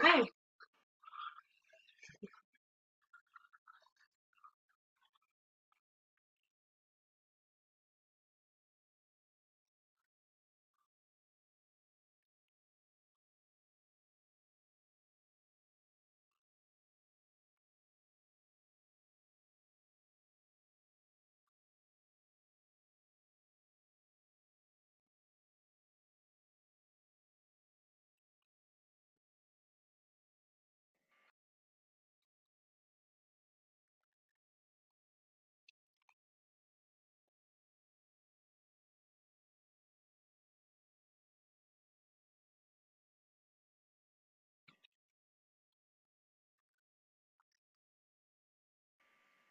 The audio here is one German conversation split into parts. Hi.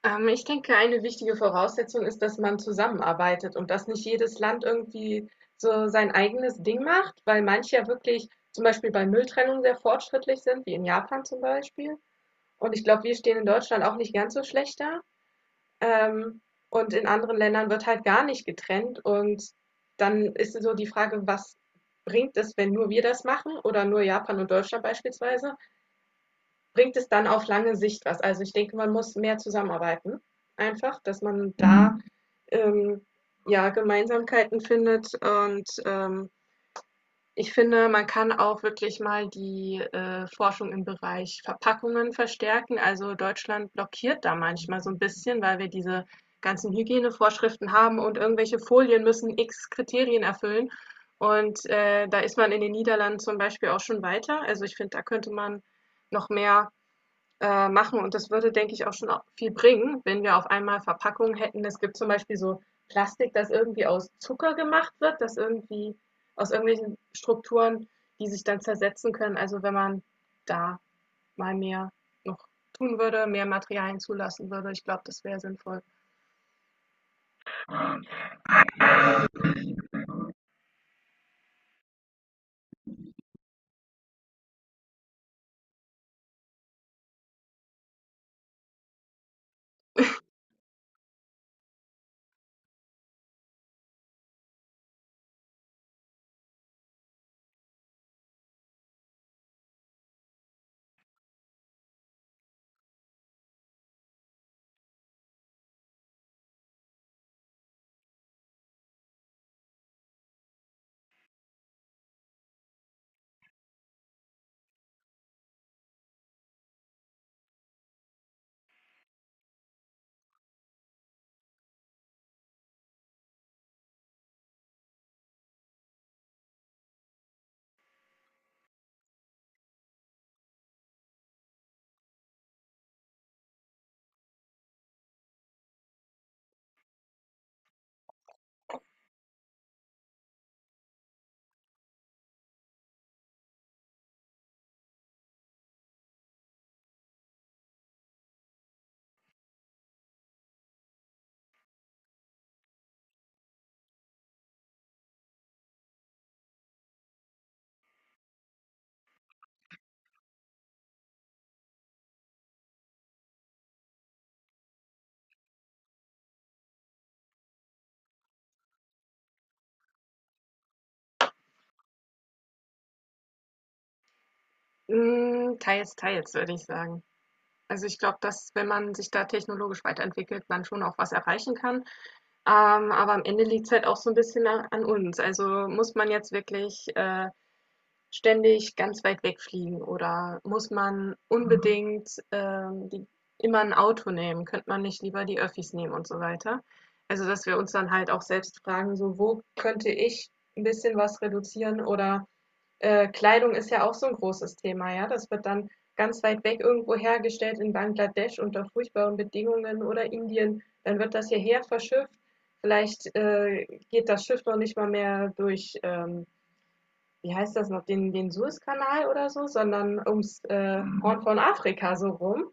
Ich denke, eine wichtige Voraussetzung ist, dass man zusammenarbeitet und dass nicht jedes Land irgendwie so sein eigenes Ding macht, weil manche ja wirklich zum Beispiel bei Mülltrennung sehr fortschrittlich sind, wie in Japan zum Beispiel. Und ich glaube, wir stehen in Deutschland auch nicht ganz so schlecht da. Ähm, und in anderen Ländern wird halt gar nicht getrennt. Und dann ist so die Frage, was bringt es, wenn nur wir das machen oder nur Japan und Deutschland beispielsweise? Bringt es dann auf lange Sicht was? Also ich denke, man muss mehr zusammenarbeiten, einfach, dass man da ähm, ja Gemeinsamkeiten findet. Und ich finde, man kann auch wirklich mal die Forschung im Bereich Verpackungen verstärken. Also Deutschland blockiert da manchmal so ein bisschen, weil wir diese ganzen Hygienevorschriften haben und irgendwelche Folien müssen x Kriterien erfüllen. Und da ist man in den Niederlanden zum Beispiel auch schon weiter. Also ich finde, da könnte man noch mehr machen, und das würde, denke ich, auch schon viel bringen, wenn wir auf einmal Verpackungen hätten. Es gibt zum Beispiel so Plastik, das irgendwie aus Zucker gemacht wird, das irgendwie aus irgendwelchen Strukturen, die sich dann zersetzen können. Also wenn man da mal mehr noch tun würde, mehr Materialien zulassen würde, ich glaube, das wäre sinnvoll. Teils, teils, würde ich sagen. Also, ich glaube, dass, wenn man sich da technologisch weiterentwickelt, man schon auch was erreichen kann. Aber am Ende liegt es halt auch so ein bisschen a an uns. Also, muss man jetzt wirklich, ständig ganz weit wegfliegen oder muss man, mhm, unbedingt, die immer ein Auto nehmen? Könnte man nicht lieber die Öffis nehmen und so weiter? Also, dass wir uns dann halt auch selbst fragen, so: „Wo könnte ich ein bisschen was reduzieren oder Kleidung ist ja auch so ein großes Thema, ja? Das wird dann ganz weit weg irgendwo hergestellt in Bangladesch unter furchtbaren Bedingungen oder Indien. Dann wird das hierher verschifft. Vielleicht, geht das Schiff noch nicht mal mehr durch, wie heißt das noch, den Suezkanal oder so, sondern ums, Horn von Afrika so rum.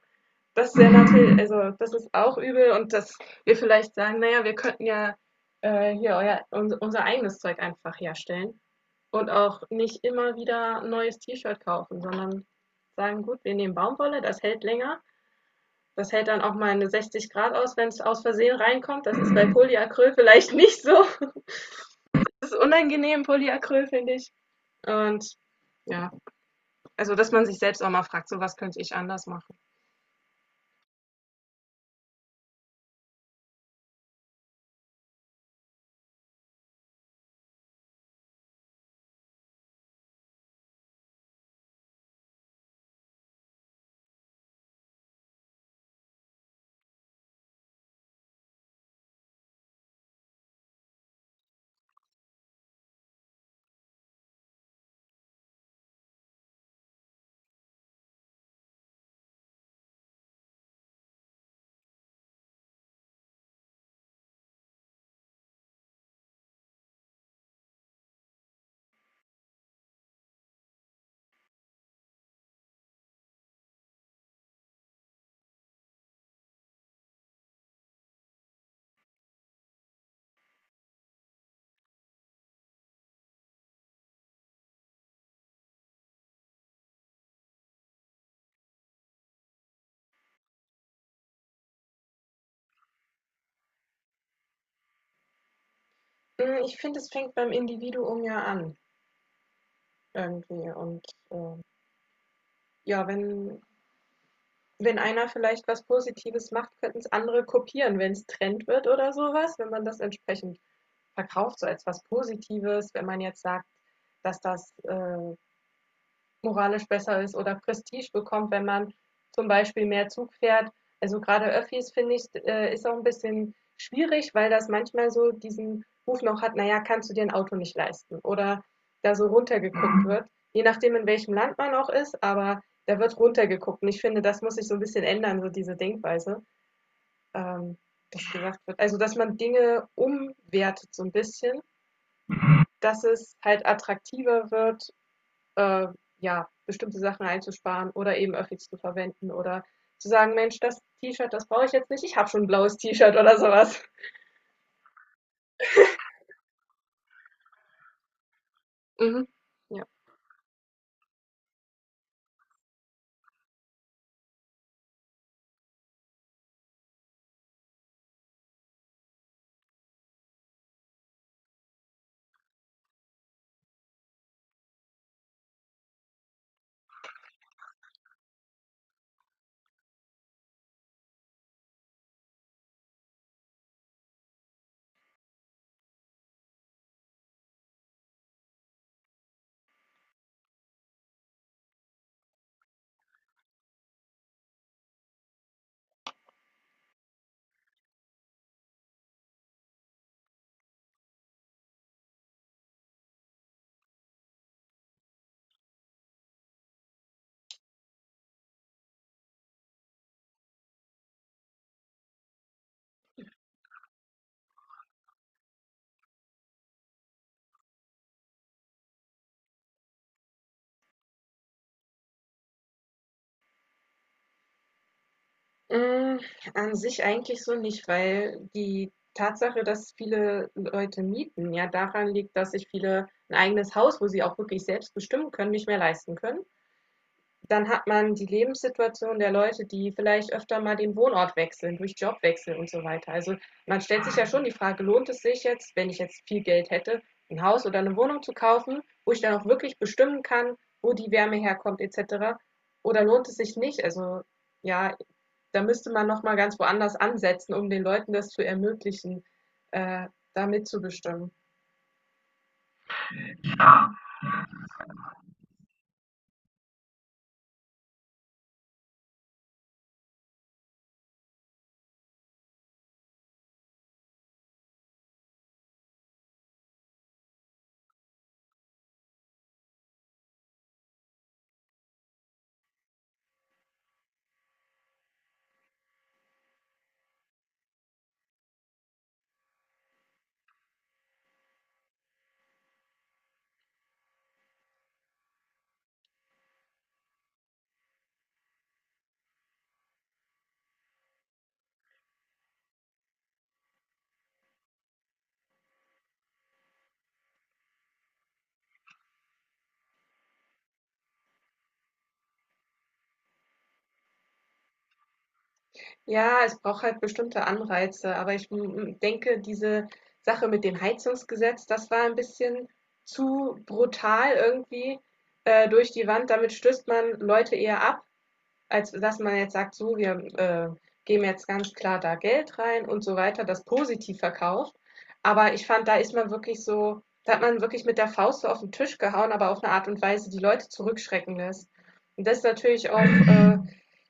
Das wäre natürlich, also das ist auch übel, und dass wir vielleicht sagen, naja, wir könnten ja hier unser eigenes Zeug einfach herstellen und auch nicht immer wieder ein neues T-Shirt kaufen, sondern sagen, gut, wir nehmen Baumwolle, das hält länger, das hält dann auch mal eine 60 Grad aus, wenn es aus Versehen reinkommt. Das ist bei Polyacryl vielleicht nicht so. Das ist unangenehm, Polyacryl, finde ich. Und ja, also dass man sich selbst auch mal fragt, so was könnte ich anders machen. Ich finde, es fängt beim Individuum ja an. Irgendwie, und ähm, ja, wenn einer vielleicht was Positives macht, könnten es andere kopieren, wenn es Trend wird oder sowas, wenn man das entsprechend verkauft, so als was Positives. Wenn man jetzt sagt, dass das moralisch besser ist oder Prestige bekommt, wenn man zum Beispiel mehr Zug fährt. Also gerade Öffis, finde ich, ist auch ein bisschen schwierig, weil das manchmal so diesen Ruf noch hat, naja, kannst du dir ein Auto nicht leisten, oder da so runtergeguckt wird, je nachdem in welchem Land man auch ist, aber da wird runtergeguckt, und ich finde, das muss sich so ein bisschen ändern, so diese Denkweise, ähm, das gesagt wird. Also, dass man Dinge umwertet so ein bisschen, dass es halt attraktiver wird, äh, ja, bestimmte Sachen einzusparen oder eben Öffis zu verwenden oder zu sagen, Mensch, das T-Shirt, das brauche ich jetzt nicht, ich habe schon ein blaues T-Shirt oder sowas. Mhm. Ja. Mm, An sich eigentlich so nicht, weil die Tatsache, dass viele Leute mieten, ja daran liegt, dass sich viele ein eigenes Haus, wo sie auch wirklich selbst bestimmen können, nicht mehr leisten können. Dann hat man die Lebenssituation der Leute, die vielleicht öfter mal den Wohnort wechseln, durch Jobwechsel und so weiter. Also man stellt sich ja schon die Frage, lohnt es sich jetzt, wenn ich jetzt viel Geld hätte, ein Haus oder eine Wohnung zu kaufen, wo ich dann auch wirklich bestimmen kann, wo die Wärme herkommt etc. Oder lohnt es sich nicht? Also ja, da müsste man noch mal ganz woanders ansetzen, um den Leuten das zu ermöglichen, äh, da mitzubestimmen. Ja, ja, es braucht halt bestimmte Anreize, aber ich denke, diese Sache mit dem Heizungsgesetz, das war ein bisschen zu brutal, irgendwie durch die Wand. Damit stößt man Leute eher ab, als dass man jetzt sagt, so, wir geben jetzt ganz klar da Geld rein und so weiter, das positiv verkauft. Aber ich fand, da ist man wirklich so, da hat man wirklich mit der Faust so auf den Tisch gehauen, aber auf eine Art und Weise, die Leute zurückschrecken lässt. Und das ist natürlich auch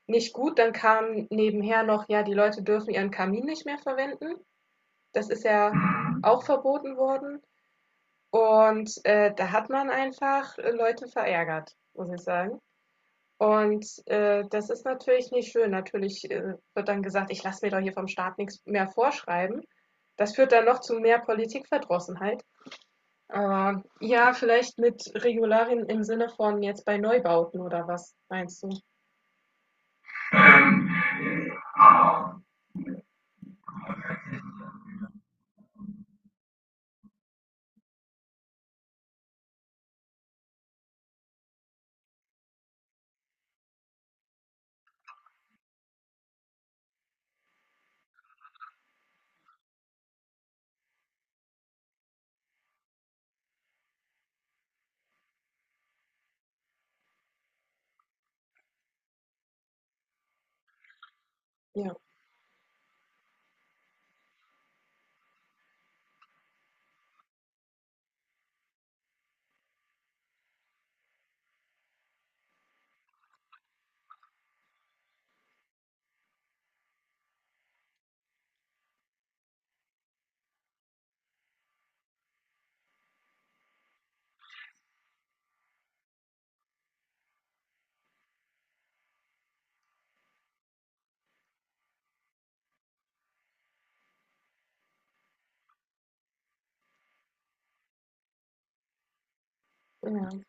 nicht gut. Dann kam nebenher noch, ja, die Leute dürfen ihren Kamin nicht mehr verwenden. Das ist ja auch verboten worden. Und da hat man einfach Leute verärgert, muss ich sagen. Und das ist natürlich nicht schön. Natürlich, wird dann gesagt: „Ich lasse mir doch hier vom Staat nichts mehr vorschreiben.“ Das führt dann noch zu mehr Politikverdrossenheit. Aber ja, vielleicht mit Regularien im Sinne von jetzt bei Neubauten, oder was meinst du? Ja, ja.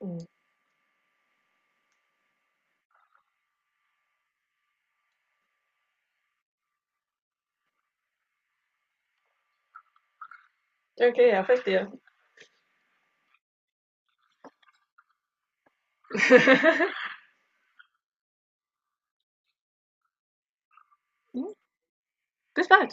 Mhm. Okay, ja, verstehe. Mhm. Bis bald.